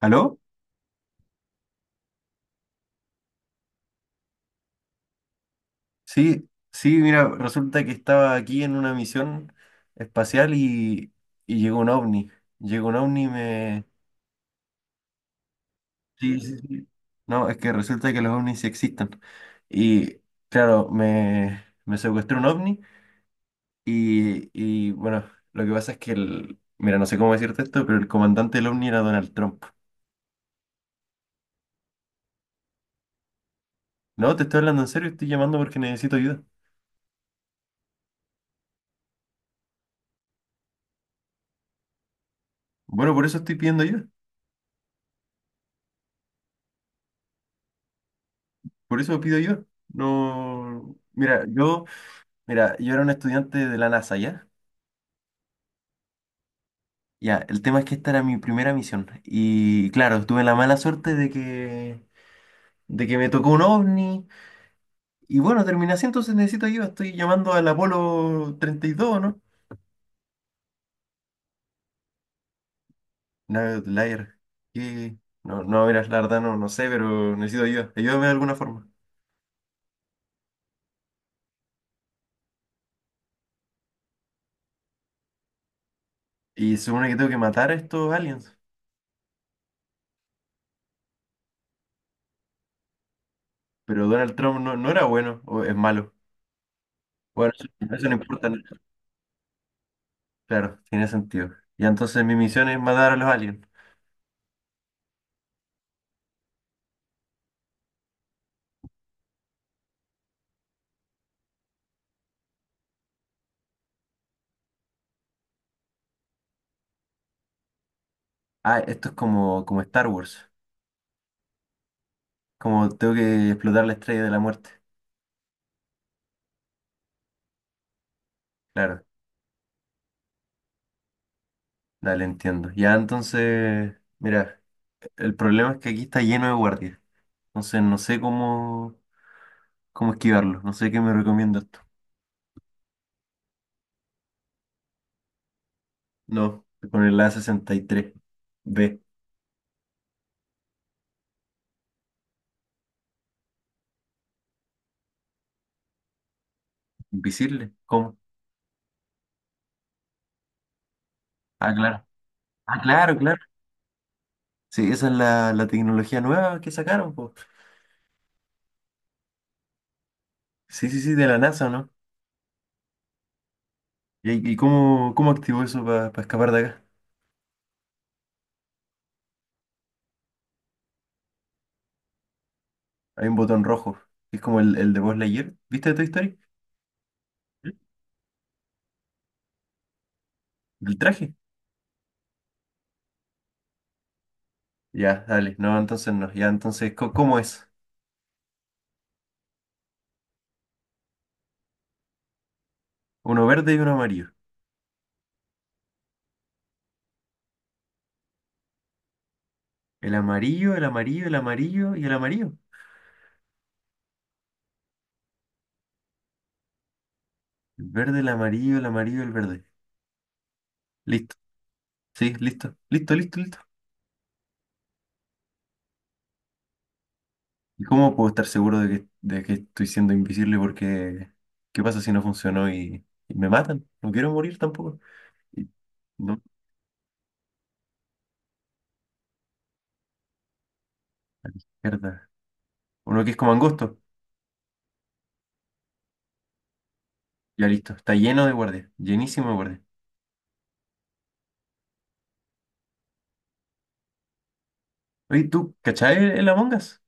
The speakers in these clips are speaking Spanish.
¿Aló? Sí, sí, mira, resulta que estaba aquí en una misión espacial y llegó un ovni. Llegó un ovni y me— Sí, sí, sí. No, es que resulta que los ovnis sí existen. Y claro, me secuestró un ovni y bueno, lo que pasa es que el— Mira, no sé cómo decirte esto, pero el comandante del ovni era Donald Trump. No, te estoy hablando en serio, estoy llamando porque necesito ayuda. Bueno, por eso estoy pidiendo ayuda. Por eso pido ayuda. No. Mira, yo era un estudiante de la NASA, ¿ya? Ya, el tema es que esta era mi primera misión. Y claro, tuve la mala suerte de que me tocó un ovni. Y bueno, terminé así, entonces necesito ayuda. Estoy llamando al Apolo 32, ¿no? No, Lair. ¿Qué? No, no, mira, la verdad no, no sé, pero necesito ayuda. Ayúdame de alguna forma. Y se supone que tengo que matar a estos aliens. Pero Donald Trump no era bueno, o es malo. Bueno, eso no importa. ¿No? Claro, tiene sentido. Y entonces mi misión es matar a los aliens. Ah, esto es como Star Wars. Como tengo que explotar la Estrella de la Muerte. Claro, dale, entiendo. Ya entonces, mira, el problema es que aquí está lleno de guardias. Entonces no sé cómo esquivarlo. No sé qué me recomienda esto. No, con el A63B. Invisible. ¿Cómo? Ah, claro. Ah, claro, claro. Sí, esa es la tecnología nueva que sacaron, po. Sí, sí, sí, de la NASA, ¿no? ¿Y cómo activó eso para escapar de acá? Hay un botón rojo, que es como el de Buzz Lightyear. ¿Viste de Toy Story? ¿Mm? ¿El traje? Ya, dale. No, entonces no. Ya, entonces, ¿cómo es? Uno verde y uno amarillo. El amarillo, el amarillo, el amarillo y el amarillo. El verde, el amarillo, el amarillo, el verde. Listo. Sí, listo. Listo, listo, listo. ¿Y cómo puedo estar seguro de que, estoy siendo invisible? Porque, ¿qué pasa si no funcionó y me matan? No quiero morir tampoco. Y- no, a la izquierda. Uno que es como angosto. Ya listo. Está lleno de guardias. Llenísimo de guardias. Oye, ¿tú cachai el Among Us?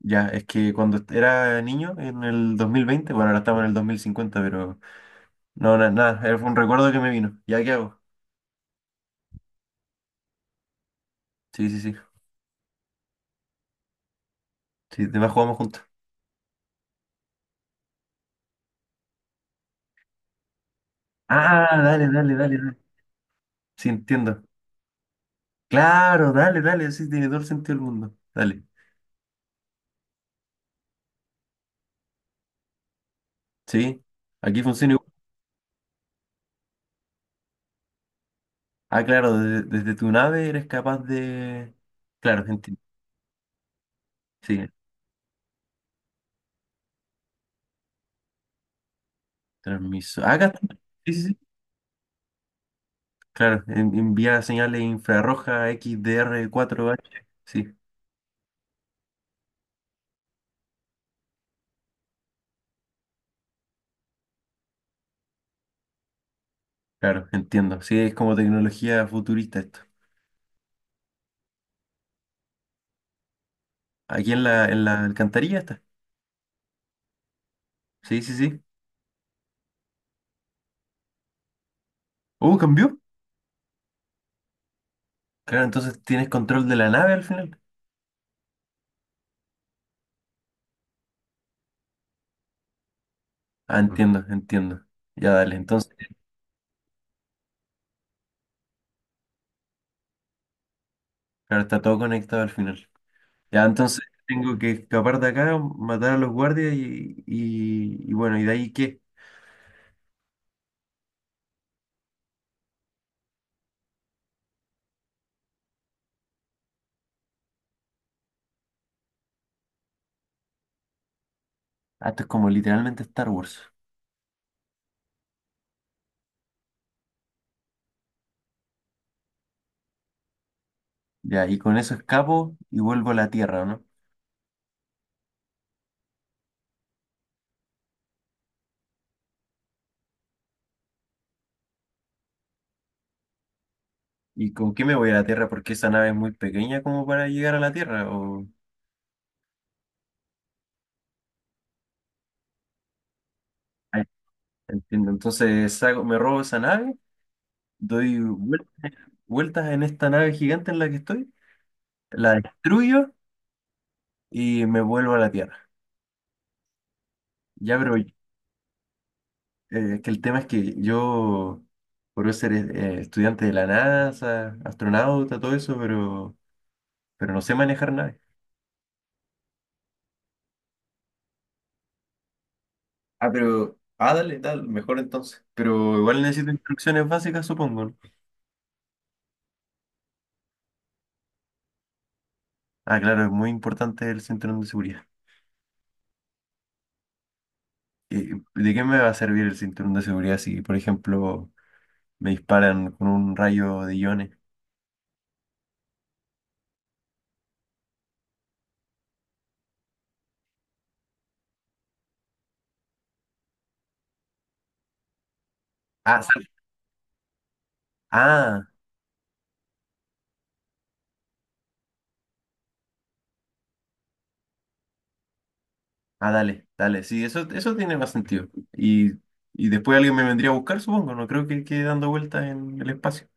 Ya, es que cuando era niño, en el 2020, bueno, ahora estamos en el 2050, pero no, nada, fue un recuerdo que me vino. ¿Ya qué hago? Sí, sí, sí. Sí, demás jugamos juntos. Ah, dale, dale, dale, dale. Sí, entiendo. Claro, dale, dale, sí, tiene todo el sentido del mundo. Dale. Sí, aquí funciona igual. Ah, claro, desde, tu nave eres capaz de— Claro, entiendo. Sí, transmiso. Ah, acá está. Sí, sí, sí. Claro, envía señales infrarroja XDR4H. Sí. Claro, entiendo. Sí, es como tecnología futurista esto. Aquí en la alcantarilla está. Sí, sí, sí. Cambió. Claro, entonces tienes control de la nave al final. Ah, ujú. Entiendo, entiendo. Ya dale, entonces, claro, está todo conectado al final. Ya, entonces tengo que escapar de acá, matar a los guardias y bueno, ¿y de ahí qué? Ah, esto es como literalmente Star Wars. Ya, y con eso escapo y vuelvo a la Tierra, ¿no? ¿Y con qué me voy a la Tierra? Porque esa nave es muy pequeña como para llegar a la Tierra, o— Entiendo. Entonces me robo esa nave, doy vueltas en esta nave gigante en la que estoy, la destruyo y me vuelvo a la Tierra. Ya, pero que el tema es que yo, por ser estudiante de la NASA, astronauta, todo eso, pero no sé manejar naves. Ah, pero, ah, dale, dale, mejor entonces. Pero igual necesito instrucciones básicas, supongo. ¿No? Ah, claro, es muy importante el cinturón de seguridad. ¿De qué me va a servir el cinturón de seguridad si, por ejemplo— Me disparan con un rayo de iones. Ah, ah, dale, dale. Sí, eso tiene más sentido. Y después alguien me vendría a buscar, supongo. No creo que quede dando vueltas en el espacio.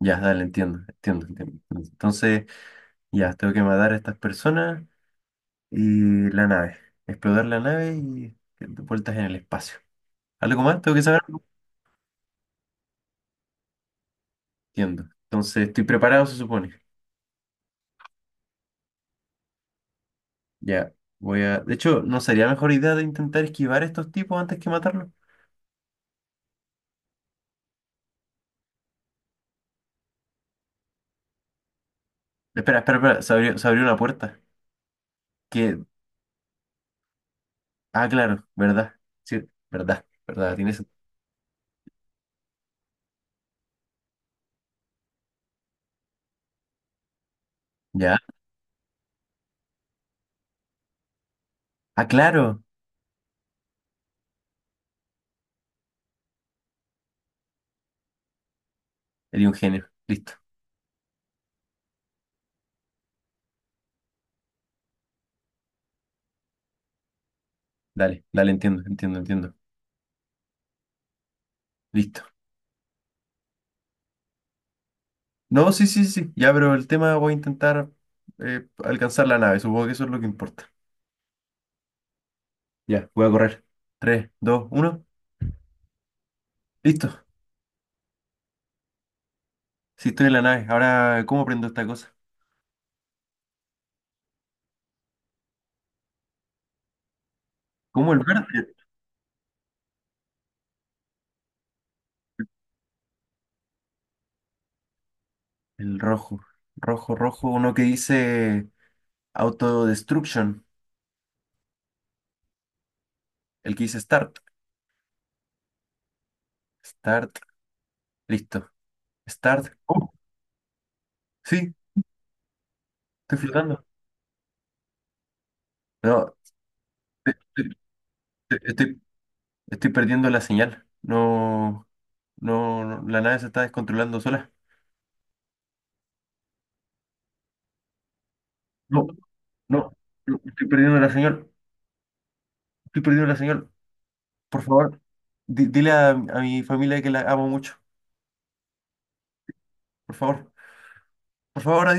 Ya, dale, entiendo, entiendo, entiendo. Entonces, ya, tengo que matar a estas personas y la nave. Explotar la nave y vueltas en el espacio. ¿Algo más? Tengo que saber. Entiendo. Entonces, estoy preparado, se supone. Ya, De hecho, ¿no sería mejor idea de intentar esquivar a estos tipos antes que matarlos? Espera, espera, espera. Se abrió una puerta. Que— Ah, claro, verdad. Sí, verdad, verdad, tiene sentido. Ya. Ah, claro. Eres un genio. Listo. Dale, dale, entiendo, entiendo, entiendo. Listo. No, sí, sí, sí. Ya, pero el tema voy a intentar alcanzar la nave. Supongo que eso es lo que importa. Ya, voy a correr. Tres, dos, uno. Listo. Sí, estoy en la nave. Ahora, ¿cómo prendo esta cosa? ¿Cómo el verde? El rojo. Rojo, rojo. Uno que dice autodestruction. El que dice start. Start. Listo. Start. Oh, sí, estoy flotando. No, te- te- te- estoy, estoy perdiendo la señal. No, no, no, la nave se está descontrolando sola. No, no, no, estoy perdiendo la señal. Estoy perdiendo la señal. Por favor, dile a mi familia que la amo mucho. Por favor, por favor,